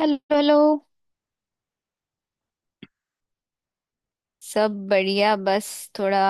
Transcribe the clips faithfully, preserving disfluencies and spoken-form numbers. Hello hello. सब बढ़िया। बस थोड़ा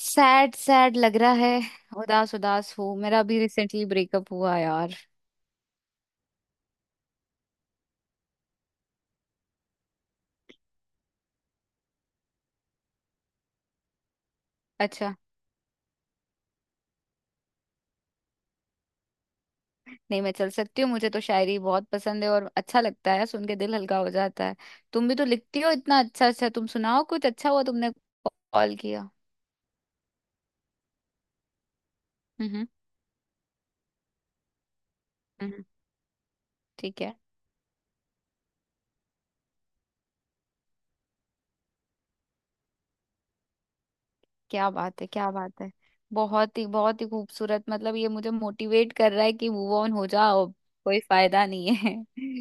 सैड सैड लग रहा है। उदास उदास हूँ। मेरा अभी रिसेंटली ब्रेकअप हुआ यार। अच्छा। नहीं, मैं चल सकती हूँ। मुझे तो शायरी बहुत पसंद है और अच्छा लगता है, सुन के दिल हल्का हो जाता है। तुम भी तो लिखती हो इतना अच्छा। अच्छा तुम सुनाओ कुछ। अच्छा हुआ तुमने कॉल किया। हम्म। हम्म। ठीक है। क्या बात है, क्या बात है। बहुत ही बहुत ही खूबसूरत। मतलब ये मुझे मोटिवेट कर रहा है कि मूव ऑन हो जाओ। कोई फायदा नहीं है।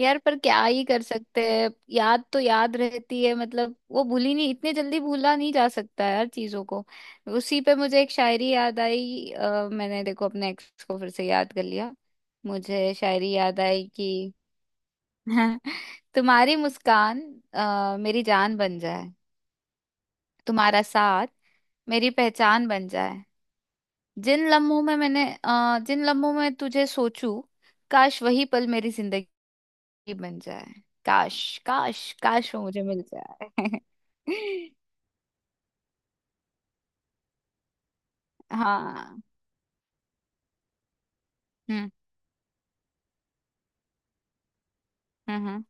यार, पर क्या ही कर सकते हैं। याद तो याद रहती है। मतलब वो भूली नहीं, इतने जल्दी भूला नहीं जा सकता है यार चीजों को। उसी पे मुझे एक शायरी याद आई। अ, मैंने देखो अपने एक्स को फिर से याद कर लिया। मुझे शायरी याद आई कि तुम्हारी मुस्कान अ, मेरी जान बन जाए, तुम्हारा साथ मेरी पहचान बन जाए। जिन लम्हों में मैंने अ, जिन लम्हों में तुझे सोचूं, काश वही पल मेरी जिंदगी ही बन जाए। काश, काश काश वो मुझे मिल जाए। हाँ। हम्म। हम्म। हम्म।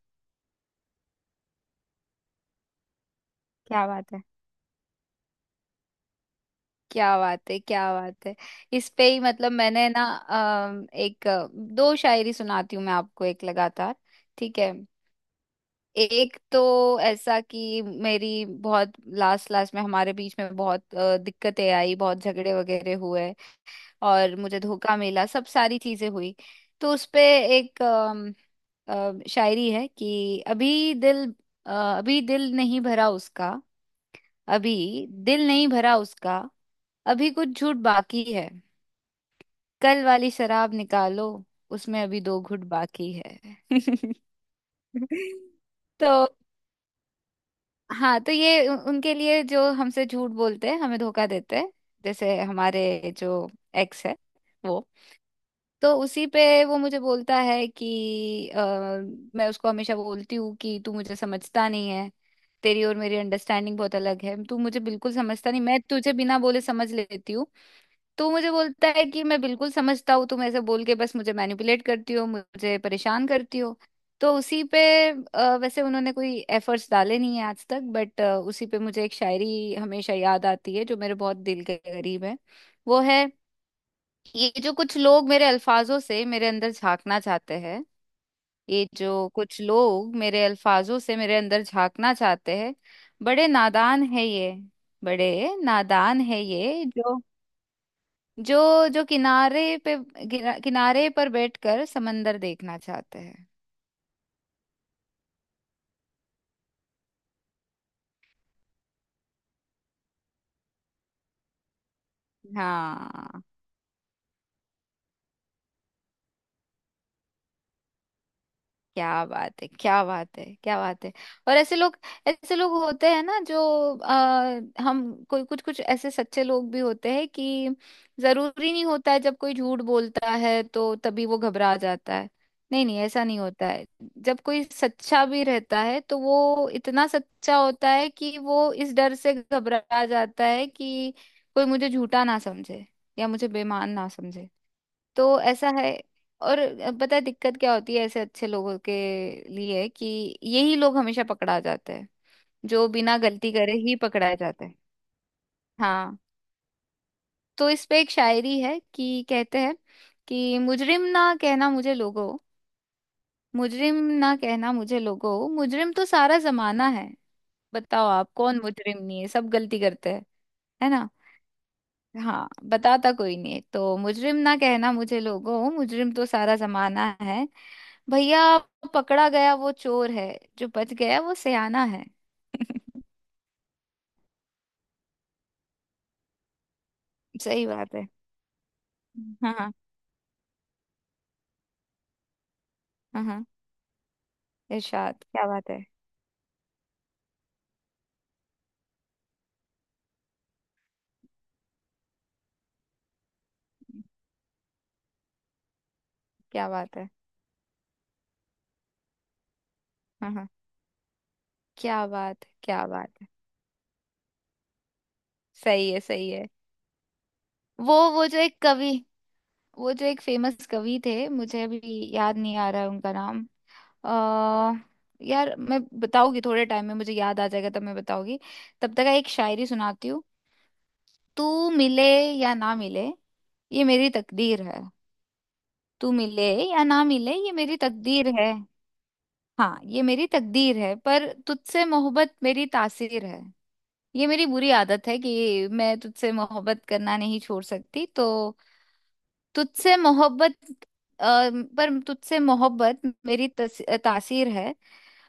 क्या बात है, क्या बात है, क्या बात है। इस पे ही मतलब मैंने ना अम, एक अ, दो शायरी सुनाती हूँ मैं आपको एक लगातार। ठीक है। एक तो ऐसा कि मेरी बहुत लास्ट लास्ट में हमारे बीच में बहुत अ, दिक्कतें आई, बहुत झगड़े वगैरह हुए और मुझे धोखा मिला, सब सारी चीजें हुई। तो उसपे एक अम, अ, शायरी है कि अभी दिल अ, अभी दिल नहीं भरा उसका, अभी दिल नहीं भरा उसका, अभी कुछ झूठ बाकी है, कल वाली शराब निकालो, उसमें अभी दो घूंट बाकी है। तो हाँ, तो ये उ- उनके लिए जो हमसे झूठ बोलते हैं, हमें धोखा देते हैं, जैसे हमारे जो एक्स है वो। तो उसी पे वो मुझे बोलता है कि अ, मैं उसको हमेशा बोलती हूँ कि तू मुझे समझता नहीं है। तेरी और मेरी अंडरस्टैंडिंग बहुत अलग है, तू मुझे बिल्कुल समझता नहीं, मैं तुझे बिना बोले समझ लेती हूँ। तू मुझे बोलता है कि मैं बिल्कुल समझता हूँ, तुम ऐसे बोल के बस मुझे मैनिपुलेट करती हो, मुझे परेशान करती हो। तो उसी पे अ, वैसे उन्होंने कोई एफर्ट्स डाले नहीं है आज तक, बट उसी पे मुझे एक शायरी हमेशा याद आती है जो मेरे बहुत दिल के करीब है। वो है, ये जो कुछ लोग मेरे अल्फाजों से मेरे अंदर झांकना चाहते हैं, ये जो कुछ लोग मेरे अल्फाजों से मेरे अंदर झांकना चाहते हैं, बड़े नादान है ये, बड़े नादान है ये जो जो जो किनारे पे किना- किनारे पर बैठकर समंदर देखना चाहते हैं। हाँ। क्या बात है, क्या बात है, क्या बात है। और ऐसे लोग, ऐसे लोग होते हैं ना जो आ, हम कोई कुछ कुछ ऐसे सच्चे लोग भी होते हैं कि जरूरी नहीं होता है जब कोई झूठ बोलता है तो तभी वो घबरा जाता है। नहीं नहीं, ऐसा नहीं होता है। जब कोई सच्चा भी रहता है तो वो इतना सच्चा होता है कि वो इस डर से घबरा जाता है कि कोई मुझे झूठा ना समझे या मुझे बेईमान ना समझे। तो ऐसा है। और पता है दिक्कत क्या होती है ऐसे अच्छे लोगों के लिए कि यही लोग हमेशा पकड़ा जाते हैं, जो बिना गलती करे ही पकड़ाए जाते हैं। हाँ। तो इस पे एक शायरी है कि कहते हैं कि मुजरिम ना कहना मुझे लोगो, मुजरिम ना कहना मुझे लोगो, मुजरिम तो सारा जमाना है। बताओ आप कौन मुजरिम नहीं है, सब गलती करते हैं। है ना। हाँ बताता कोई नहीं। तो मुजरिम ना कहना मुझे लोगों, मुजरिम तो सारा जमाना है। भैया पकड़ा गया वो चोर है, जो बच गया वो सयाना है। सही बात है। हाँ हाँ। हाँ हाँ। इरशाद, क्या बात है, क्या बात है। हाँ हाँ। क्या बात है, क्या बात है। सही है, सही है। वो वो जो एक कवि, वो जो एक फेमस कवि थे, मुझे अभी याद नहीं आ रहा है उनका नाम। आ, यार, मैं बताऊंगी थोड़े टाइम में, मुझे याद आ जाएगा तब मैं बताऊंगी। तब तक एक शायरी सुनाती हूँ। तू मिले या ना मिले ये मेरी तकदीर है। तू मिले या ना मिले ये मेरी तकदीर है। हाँ, ये मेरी तकदीर है पर तुझसे मोहब्बत मेरी तासीर है। ये मेरी बुरी आदत है कि मैं तुझसे मोहब्बत करना नहीं छोड़ सकती, तो तुझसे मोहब्बत अ, पर तुझसे मोहब्बत मेरी तस, तासीर है।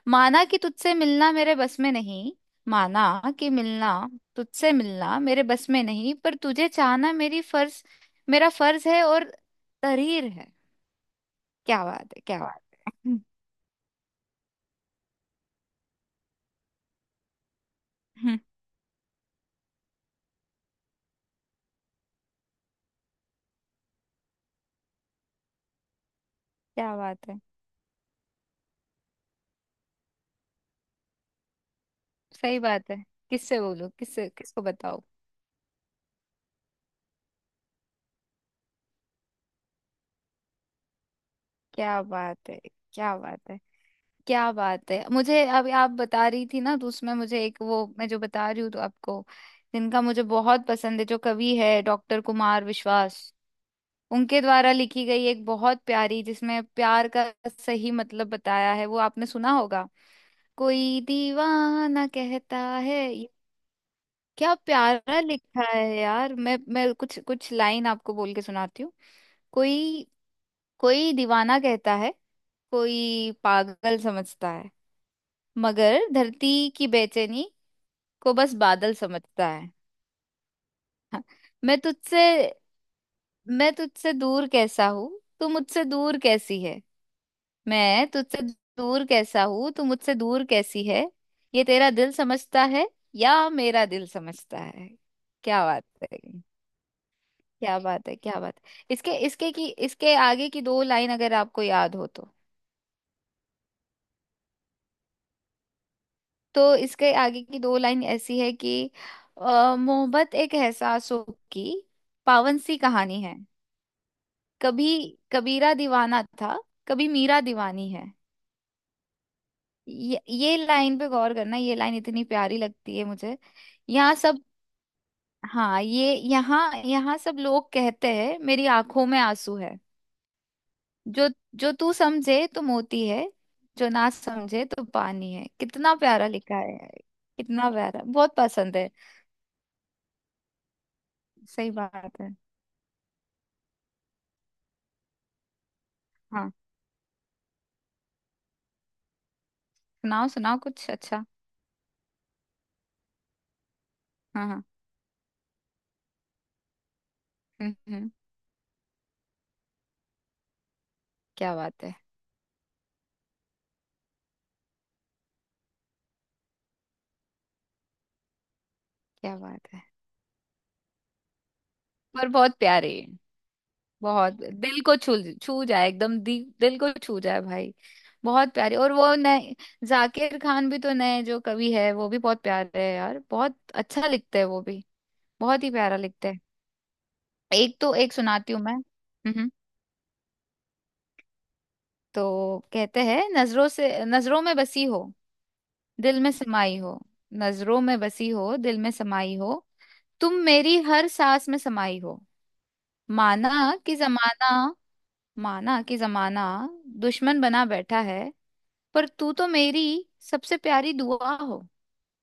माना कि तुझसे मिलना मेरे बस में नहीं, माना कि मिलना, तुझसे मिलना मेरे बस में नहीं, पर तुझे चाहना मेरी फर्ज, मेरा फर्ज है और तहरीर है। क्या बात है, क्या बात। हम्म। हम्म। क्या बात है। सही बात है। किससे बोलूं, किससे, किसको बताओ। क्या बात है, क्या बात है, क्या बात है। मुझे अभी आप बता रही थी ना, तो उसमें मुझे एक, वो मैं जो बता रही हूँ तो आपको, जिनका मुझे बहुत पसंद है, जो कवि है, डॉक्टर कुमार विश्वास। उनके द्वारा लिखी गई एक बहुत प्यारी, जिसमें प्यार का सही मतलब बताया है, वो आपने सुना होगा, कोई दीवाना कहता है ये। क्या प्यारा लिखा है यार। मैं मैं कुछ कुछ लाइन आपको बोल के सुनाती हूँ। कोई, कोई दीवाना कहता है, कोई पागल समझता है, मगर धरती की बेचैनी को बस बादल समझता है। मैं तुझसे मैं तुझसे दूर कैसा हूँ, तू मुझसे दूर कैसी है। मैं तुझसे दूर कैसा हूँ, तू मुझसे दूर कैसी है, ये तेरा दिल समझता है या मेरा दिल समझता है। क्या बात है, क्या बात है, क्या बात है। इसके इसके की इसके आगे की दो लाइन अगर आपको याद हो तो। तो इसके आगे की दो लाइन ऐसी है कि अ, मोहब्बत एक एहसासों की पावन सी कहानी है, कभी कबीरा दीवाना था, कभी मीरा दीवानी है। ये ये लाइन पे गौर करना, ये लाइन इतनी प्यारी लगती है मुझे। यहाँ सब, हाँ, ये यहाँ यहाँ सब लोग कहते हैं मेरी आंखों में आंसू है, जो जो तू समझे तो मोती है, जो ना समझे तो पानी है। कितना प्यारा लिखा है। कितना प्यारा, बहुत पसंद है। सही बात है। हाँ। सुनाओ सुनाओ कुछ अच्छा। हाँ हाँ। हम्म। हम्म। क्या बात है, क्या बात है। पर बहुत प्यारे, बहुत। दिल को छू छू जाए एकदम, दी, दिल को छू जाए भाई। बहुत प्यारे। और वो नए जाकिर खान भी तो, नए जो कवि है वो भी बहुत प्यारे है यार, बहुत अच्छा लिखते हैं वो भी। बहुत ही प्यारा लिखते हैं। एक तो एक सुनाती हूँ मैं। हम्म हम्म। तो कहते हैं, नजरों से, नजरों में बसी हो, दिल में समाई हो, नजरों में बसी हो, दिल में समाई हो, तुम मेरी हर सांस में समाई हो, माना कि जमाना, माना कि जमाना दुश्मन बना बैठा है, पर तू तो मेरी सबसे प्यारी दुआ हो।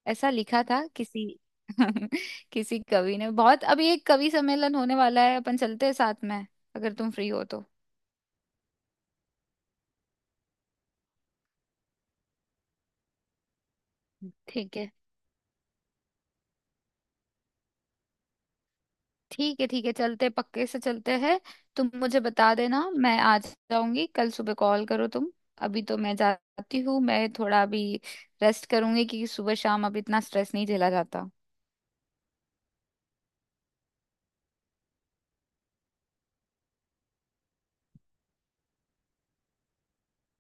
ऐसा लिखा था किसी, किसी कवि ने। बहुत, अभी एक कवि सम्मेलन होने वाला है, अपन चलते हैं साथ में, अगर तुम फ्री हो तो। ठीक है, ठीक है, ठीक है, चलते पक्के से चलते हैं। तुम मुझे बता देना, मैं आ जाऊंगी। कल सुबह कॉल करो तुम। अभी तो मैं जाती हूँ, मैं थोड़ा अभी रेस्ट करूंगी क्योंकि सुबह शाम अब इतना स्ट्रेस नहीं झेला जाता।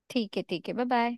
ठीक है, ठीक है, बाय बाय।